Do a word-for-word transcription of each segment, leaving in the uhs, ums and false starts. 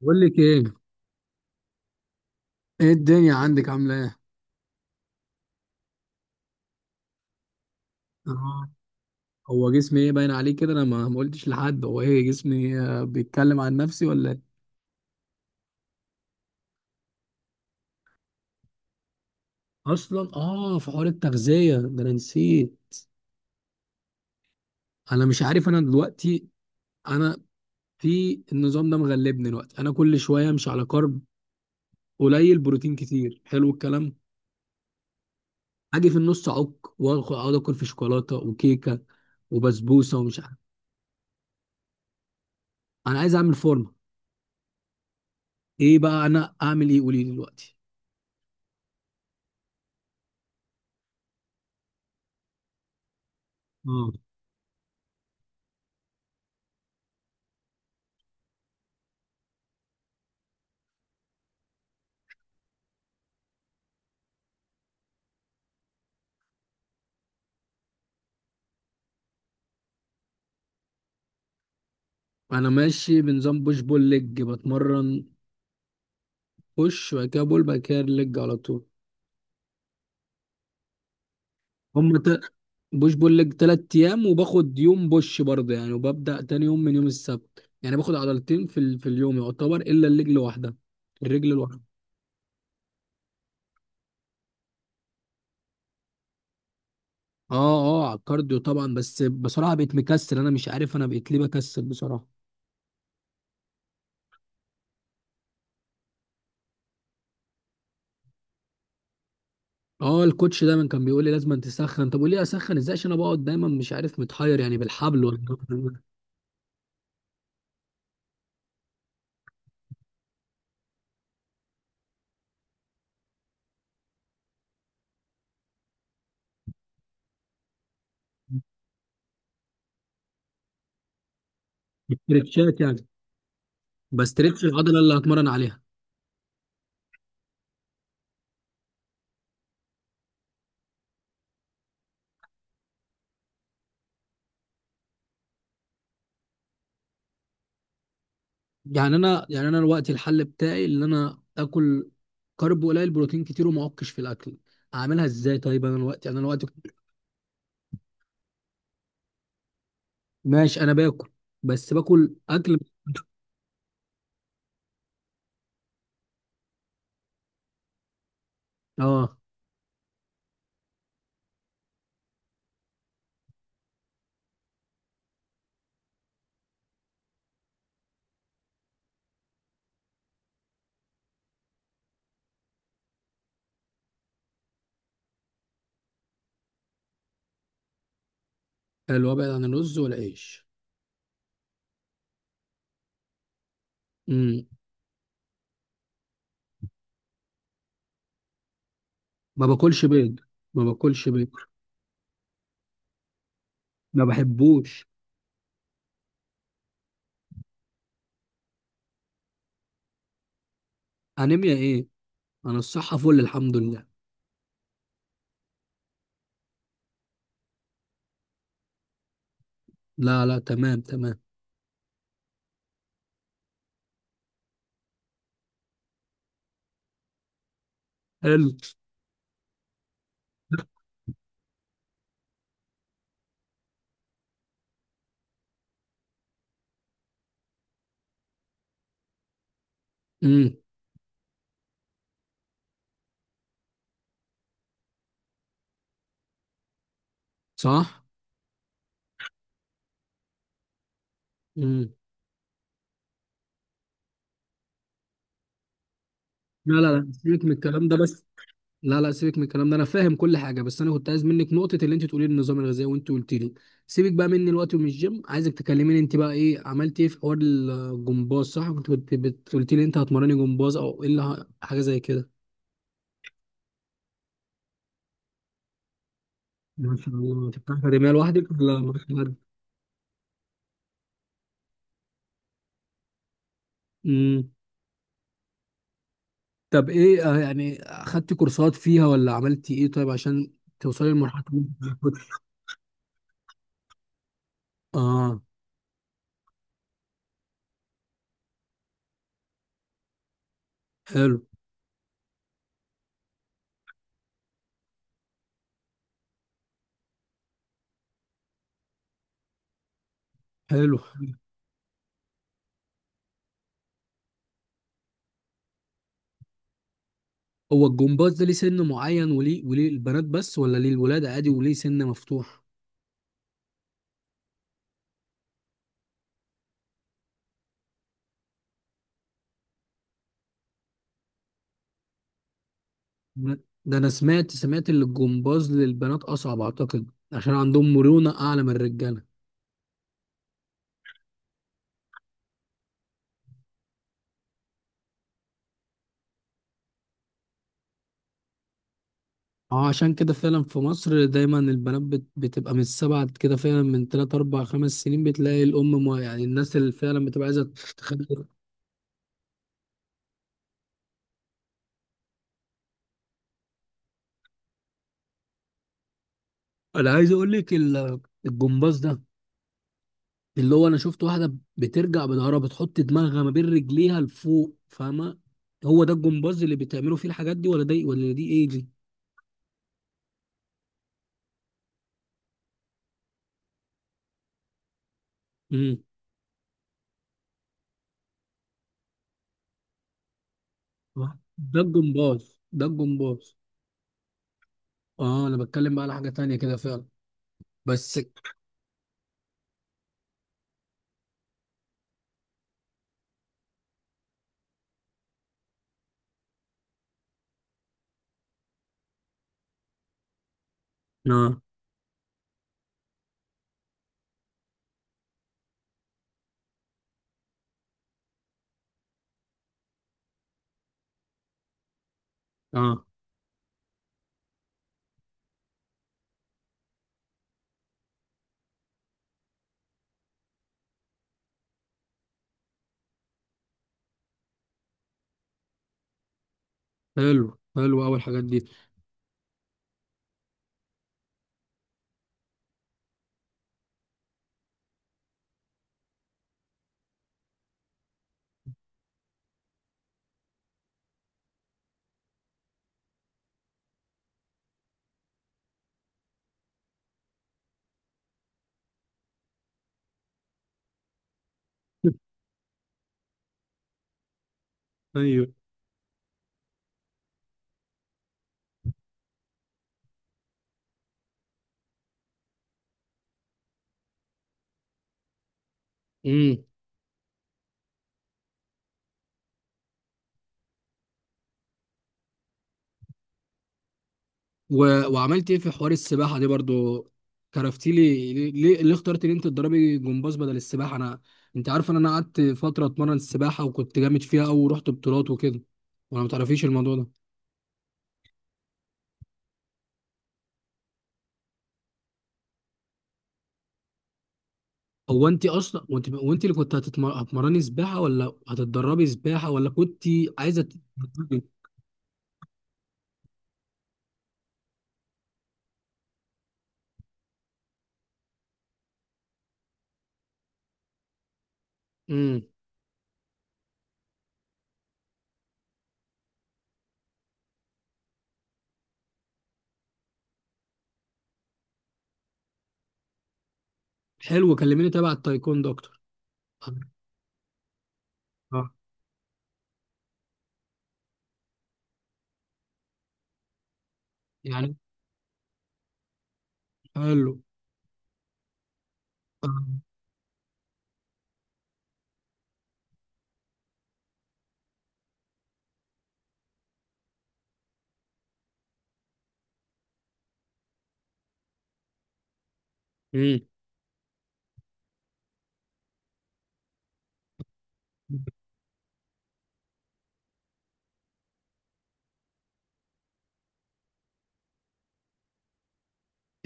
بقول لك ايه. ايه الدنيا عندك عامله ايه؟ آه. هو جسمي ايه باين عليه كده؟ انا ما ما قلتش لحد. هو ايه جسمي؟ آه، بيتكلم عن نفسي ولا ايه؟ اصلا اه في حوار التغذيه ده انا نسيت. انا مش عارف انا دلوقتي. انا في النظام ده مغلبني دلوقتي. انا كل شويه مش على كارب قليل بروتين كتير. حلو الكلام. اجي في النص اعك، واخد اقعد اكل في شوكولاته وكيكه وبسبوسه ومش عارف. انا عايز اعمل فورمه. ايه بقى انا اعمل ايه؟ قولي لي دلوقتي. اه انا ماشي بنظام بوش بول ليج. بتمرن بوش، وبعد كده بول، بعد كده ليج على طول. هم ت... بوش بول ليج تلات ايام، وباخد يوم بوش برضه يعني. وببدأ تاني يوم من يوم السبت، يعني باخد عضلتين في ال... في اليوم، يعتبر الا الرجل واحدة. الرجل الواحدة. اه. اه على الكارديو طبعا. بس بصراحة بقيت مكسل. انا مش عارف انا بقيت ليه بكسل بصراحة. اه الكوتش دايما كان بيقول لي لازم أن تسخن. طب وليه اسخن؟ ازاي؟ عشان انا بقعد دايما مش عارف متحير يعني، بالحبل ولا استرتشات يعني؟ بسترتش العضلة اللي هتمرن عليها. يعني انا، يعني انا الوقت الحل بتاعي اللي انا اكل كارب قليل بروتين كتير وما اعكش في الاكل. اعملها ازاي طيب؟ انا الوقت، يعني انا الوقت. ماشي انا باكل، بس باكل اكل. اه. حلو ابعد عن الرز والعيش. امم. ما باكلش بيض. ما باكلش بيض. ما بحبوش. انيميا ايه؟ انا الصحه فل الحمد لله. لا لا تمام تمام. حلو. امم. صح. امم. لا لا لا سيبك من الكلام ده بس. لا لا سيبك من الكلام ده، انا فاهم كل حاجه. بس انا كنت عايز منك نقطه اللي انت تقولي لي النظام الغذائي، وانت قلت لي. سيبك بقى مني الوقت ومن الجيم. عايزك تكلميني انت بقى ايه عملت ايه في حوار الجمباز. صح كنت بت- بت- قلت لي انت هتمرني جمباز او ايه اللي ه- حاجه زي كده. ما شاء الله، تفتح اكاديميه لوحدك ولا معاك حد؟ امم. طب ايه آه، يعني اخدت كورسات فيها ولا عملتي ايه طيب، عشان توصلي لمرحله إن أنت تبقى كوتش؟ اه. حلو. حلو. هو الجمباز ده ليه سن معين، وليه وليه البنات بس ولا ليه الولاد عادي وليه سن مفتوح؟ ده انا سمعت سمعت ان الجمباز للبنات اصعب، اعتقد عشان عندهم مرونة اعلى من الرجالة. اه عشان كده فعلا في مصر دايما البنات بت- بتبقى من السبعة كده، فعلا من تلات اربع خمس سنين بتلاقي الام، مو يعني الناس اللي فعلا بتبقى عايزة تخلي. انا عايز اقول لك ال- الجمباز ده، اللي هو انا شفت واحدة بترجع بظهرها بتحط دماغها ما بين رجليها لفوق، فاهمة؟ هو ده الجمباز اللي بتعملوا فيه الحاجات دي ولا ده ولا دي، ايه دي؟ امم. ده الجمباز ده الجمباز. اه انا بتكلم بقى على حاجة تانية كده فعلا. بس. اه. اه حلو حلو اول الحاجات دي. ايوه. امم. و... وعملت ايه في حوار السباحة دي برضو؟ كرفتي لي ليه ليه ليه اخترت ان انت تدربي جمباز بدل السباحة؟ انا انت عارف ان انا قعدت فترة اتمرن السباحة وكنت جامد فيها، او رحت بطولات وكده، ولا ما تعرفيش الموضوع ده؟ هو انت اصلا وانت وانت اللي كنت هتتمر... هتمرني سباحة ولا هتتدربي سباحة، ولا كنت عايزة تتمرني؟ امم. حلو كلميني تبع التايكوندو اكتر. يعني. حلو. آه. امم.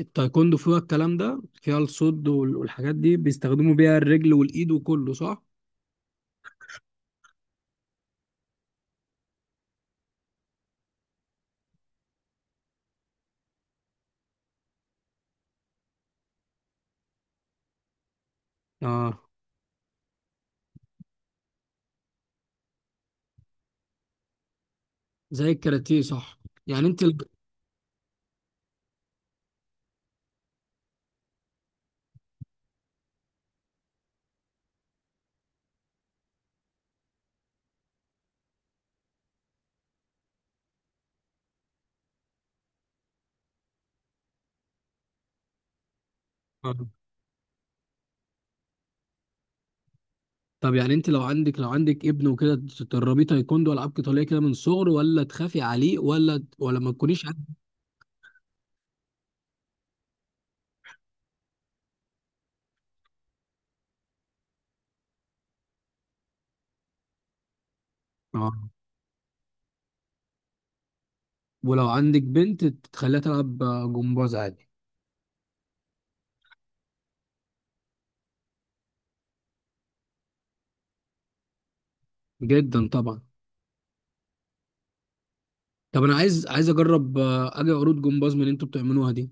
التايكوندو فيها الكلام ده، فيها الصد وال- والحاجات دي بيستخدموا بيها الرجل والايد وكله صح؟ اه. زي الكاراتيه صح. يعني انت ال- آه. طب يعني انت لو عندك لو عندك ابن وكده، تدربيه تايكوندو والعاب قتاليه كده من صغره ولا تخافي عليه ولا ولا ما تكونيش عن- اه؟ ولو عندك بنت تخليها تلعب آه، جمباز عادي. جدا طبعا. طب انا عايز عايز اجرب آه، اجي عروض جمباز من اللي انتوا بتعملوها دي.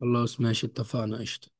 خلاص ماشي اتفقنا قشطه.